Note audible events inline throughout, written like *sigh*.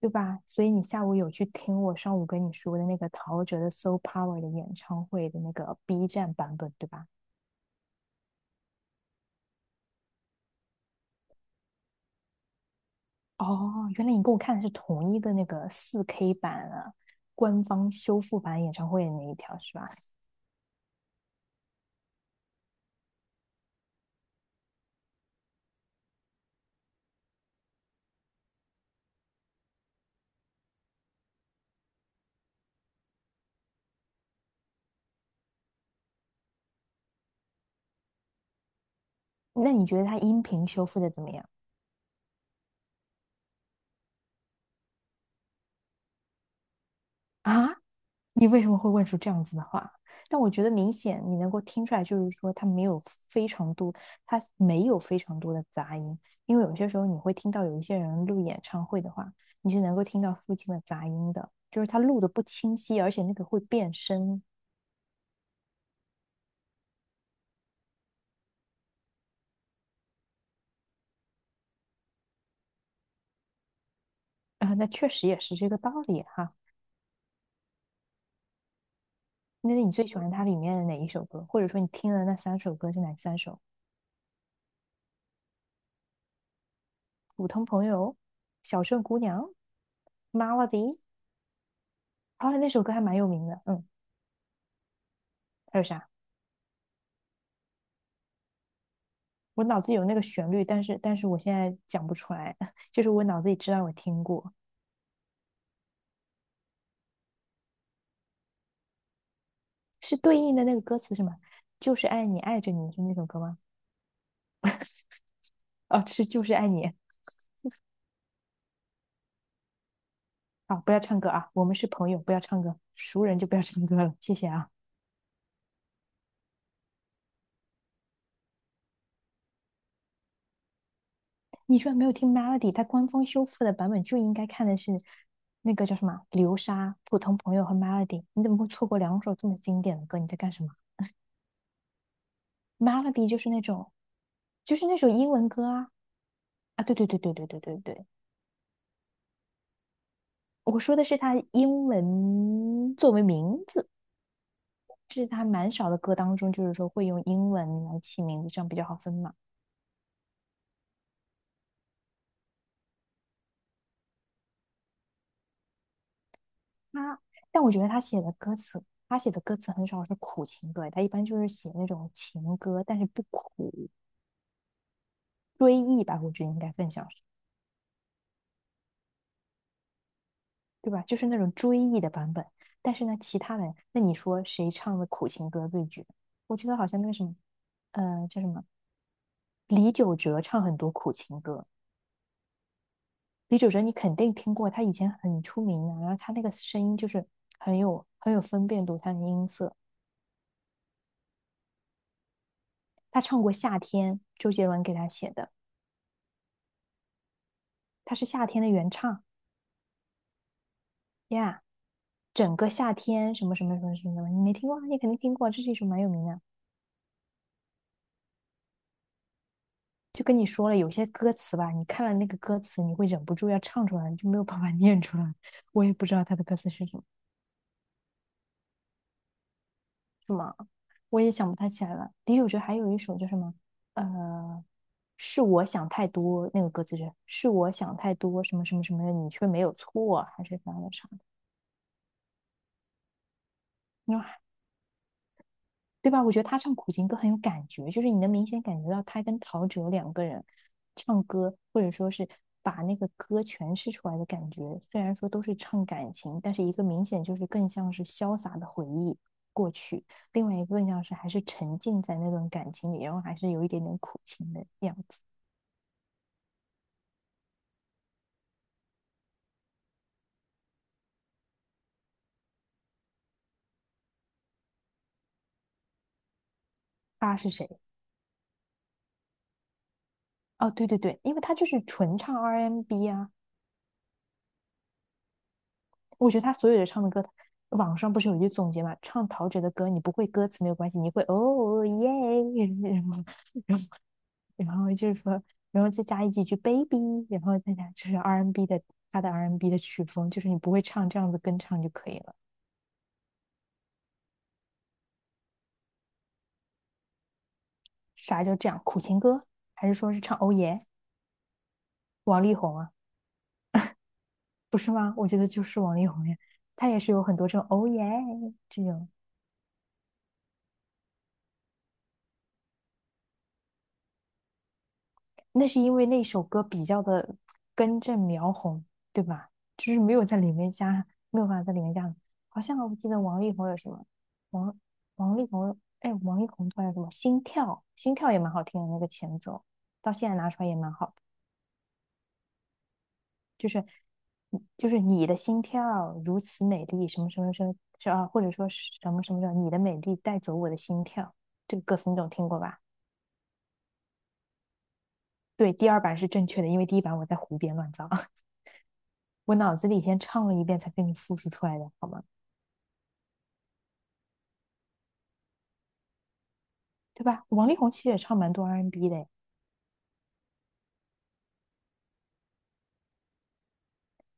对吧？所以你下午有去听我上午跟你说的那个陶喆的《s o Power》的演唱会的那个 B 站版本，对吧？哦，原来你跟我看的是同一个那个四 k 版啊，官方修复版演唱会的那一条是吧？那你觉得它音频修复的怎么样啊？你为什么会问出这样子的话？但我觉得明显你能够听出来，就是说他没有非常多，他没有非常多的杂音，因为有些时候你会听到有一些人录演唱会的话，你是能够听到附近的杂音的，就是他录的不清晰，而且那个会变声啊，那确实也是这个道理哈。那你最喜欢它里面的哪一首歌？或者说你听的那三首歌是哪三首？普通朋友、小镇姑娘、Melody，后来那首歌还蛮有名的，还有啥？我脑子有那个旋律，但是我现在讲不出来，*laughs* 就是我脑子里知道我听过，是对应的那个歌词是吗？就是爱你，爱着你是那首歌吗？哦，是就是爱你。啊，不要唱歌啊！我们是朋友，不要唱歌，熟人就不要唱歌了，谢谢啊！你居然没有听 Melody，它官方修复的版本就应该看的是那个叫什么流沙、普通朋友和 Melody，你怎么会错过两首这么经典的歌？你在干什么？Melody 就是那种，就是那首英文歌啊！啊，对对对对对对对对，我说的是他英文作为名字，就是他蛮少的歌当中，就是说会用英文来起名字，这样比较好分嘛。他，但我觉得他写的歌词，他写的歌词很少是苦情歌，他一般就是写那种情歌，但是不苦，追忆吧，我觉得应该更像是，对吧？就是那种追忆的版本。但是呢，其他人，那你说谁唱的苦情歌最绝？我觉得好像那个什么，叫什么，李玖哲唱很多苦情歌。李玖哲你肯定听过，他以前很出名的，然后他那个声音就是很有很有分辨度，他的音色。他唱过《夏天》，周杰伦给他写的，他是《夏天》的原唱呀，Yeah，整个夏天什么什么什么什么什么，你没听过啊你肯定听过，这是一首蛮有名的。就跟你说了，有些歌词吧，你看了那个歌词，你会忍不住要唱出来，你就没有办法 *laughs* 念出来。我也不知道他的歌词是什么。什么？我也想不太起来了。的确，我觉得还有一首叫什么，呃，是我想太多，那个歌词是我想太多，什么什么什么的，你却没有错，还是啥啥啥的。那对吧？我觉得他唱苦情歌很有感觉，就是你能明显感觉到他跟陶喆两个人唱歌，或者说是把那个歌诠释出来的感觉。虽然说都是唱感情，但是一个明显就是更像是潇洒的回忆过去，另外一个更像是还是沉浸在那段感情里，然后还是有一点点苦情的样子。他是谁？哦，对对对，因为他就是纯唱 R&B n 啊，我觉得他所有的唱的歌，网上不是有一句总结嘛，唱陶喆的歌，你不会歌词没有关系，你会哦耶，然后就是说，然后再加一几句 baby，然后再加就是 R&B n 的他的 R&B n 的曲风，就是你不会唱这样子跟唱就可以了。啥叫这样？苦情歌还是说是唱哦耶？王力宏啊，不是吗？我觉得就是王力宏呀，他也是有很多这种哦耶这种。那是因为那首歌比较的根正苗红，对吧？就是没有在里面加，没有办法在里面加。好像我记得王力宏有什么，王王力宏，哎，王力宏突然什么心跳，心跳也蛮好听的那个前奏，到现在拿出来也蛮好的，就是就是你的心跳如此美丽，什么什么什么，是啊，或者说是什么什么什么，你的美丽带走我的心跳，这个歌词你总听过吧？对，第二版是正确的，因为第一版我在胡编乱造。我脑子里先唱了一遍才给你复述出来的，好吗？对吧？王力宏其实也唱蛮多 R&B N 的，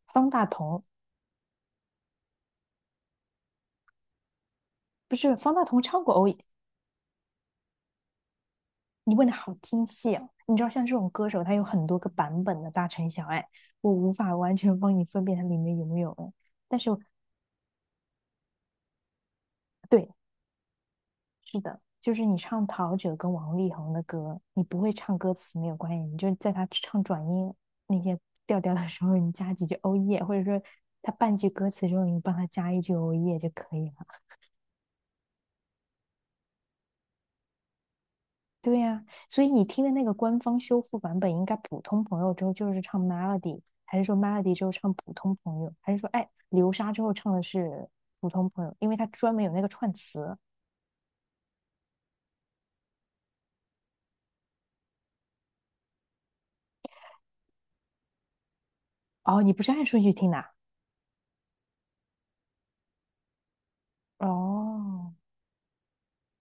方大同不是方大同唱过欧，你问的好精细啊！你知道像这种歌手，他有很多个版本的大城小爱，我无法完全帮你分辨它里面有没有哎但是对，是的，就是你唱陶喆跟王力宏的歌，你不会唱歌词没有关系，你就在他唱转音那些调调的时候，你加几句欧耶，或者说他半句歌词之后，你帮他加一句欧耶就可以了。对呀、所以你听的那个官方修复版本，应该普通朋友之后就是唱 Melody，还是说 Melody 之后唱普通朋友，还是说哎流沙之后唱的是普通朋友？因为它专门有那个串词。哦，你不是按顺序听的啊哦，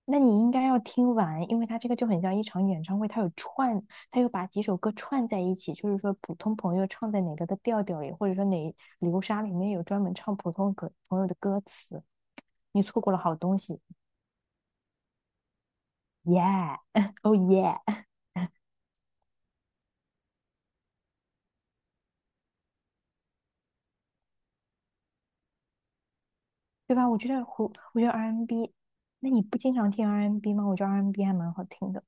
那你应该要听完，因为它这个就很像一场演唱会，它有串，它又把几首歌串在一起，就是说普通朋友唱在哪个的调调里，或者说哪流沙里面有专门唱普通歌朋友的歌词，你错过了好东西。Yeah，*laughs* o h yeah，*laughs* 对吧？我觉得胡，我觉得 R&B，n 那你不经常听 R&B n 吗？我觉得 R&B n 还蛮好听的，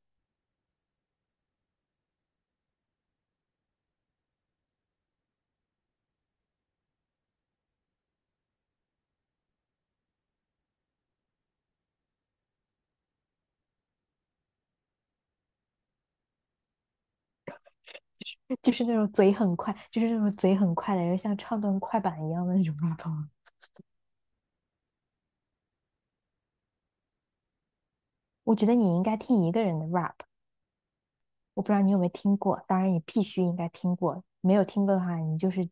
就是那种嘴很快，就是那种嘴很快的，就像唱段快板一样的那种 rap。我觉得你应该听一个人的 rap，我不知道你有没有听过，当然你必须应该听过，没有听过的话，你就是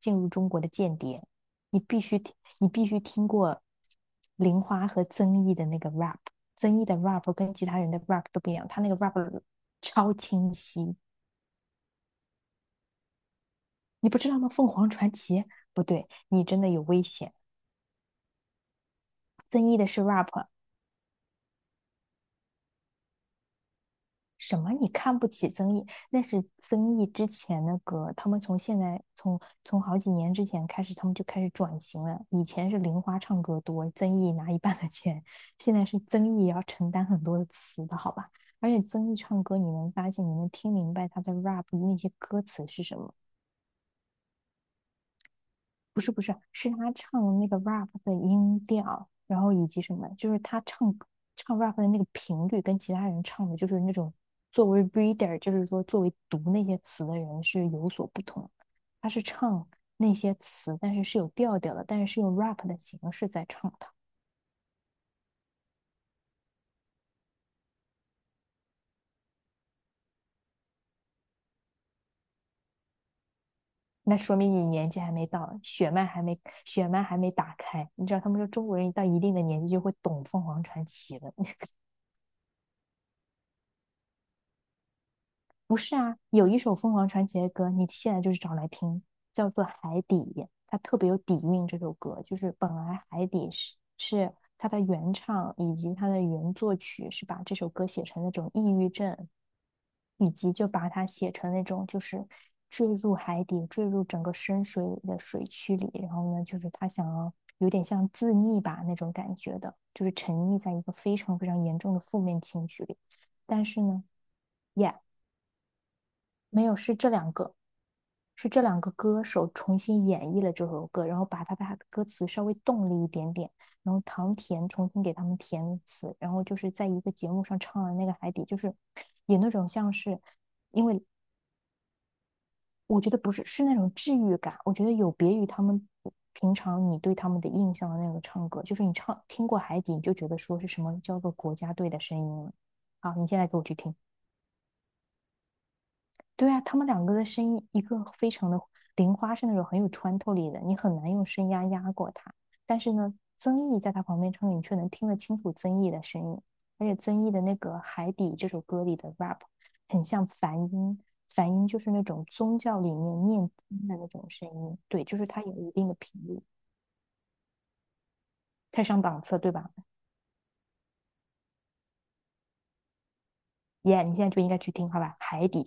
进入中国的间谍。你必须听，你必须听过玲花和曾毅的那个 rap，曾毅的 rap 跟其他人的 rap 都不一样，他那个 rap 超清晰，你不知道吗？凤凰传奇不对，你真的有危险。曾毅的是 rap，什么？你看不起曾毅？那是曾毅之前的歌，他们从现在从从好几年之前开始，他们就开始转型了。以前是玲花唱歌多，曾毅拿一半的钱，现在是曾毅也要承担很多的词的，好吧？而且曾毅唱歌，你能发现，你能听明白他在 rap 那些歌词是什么。不是不是，是他唱那个 rap 的音调，然后以及什么，就是他唱唱 rap 的那个频率跟其他人唱的，就是那种作为 reader，就是说作为读那些词的人是有所不同。他是唱那些词，但是是有调调的，但是是用 rap 的形式在唱的。那说明你年纪还没到，血脉还没打开。你知道，他们说中国人到一定的年纪就会懂凤凰传奇的。不是啊，有一首凤凰传奇的歌，你现在就是找来听，叫做《海底》，它特别有底蕴。这首歌就是本来《海底》是它的原唱以及它的原作曲是把这首歌写成那种抑郁症，以及就把它写成那种就是坠入海底、坠入整个深水里的水区里，然后呢，就是他想要有点像自溺吧那种感觉的，就是沉溺在一个非常非常严重的负面情绪里，但是呢。也没有，是这两个，是这两个歌手重新演绎了这首歌，然后把他把的歌词稍微动了一点点，然后唐甜重新给他们填词，然后就是在一个节目上唱了那个《海底》，就是有那种像是，我觉得不是，是那种治愈感，我觉得有别于他们平常你对他们的印象的那个唱歌，就是你唱听过《海底》，你就觉得说是什么叫做国家队的声音了。好，你现在给我去听。对啊，他们两个的声音，一个非常的玲花是那种很有穿透力的，你很难用声压压过他。但是呢，曾毅在他旁边唱歌你却能听得清楚曾毅的声音。而且曾毅的那个《海底》这首歌里的 rap 很像梵音，梵音就是那种宗教里面念经的那种声音，对，就是它有一定的频率，太上档次，对吧？耶、yeah, 你现在就应该去听，好吧，《海底》。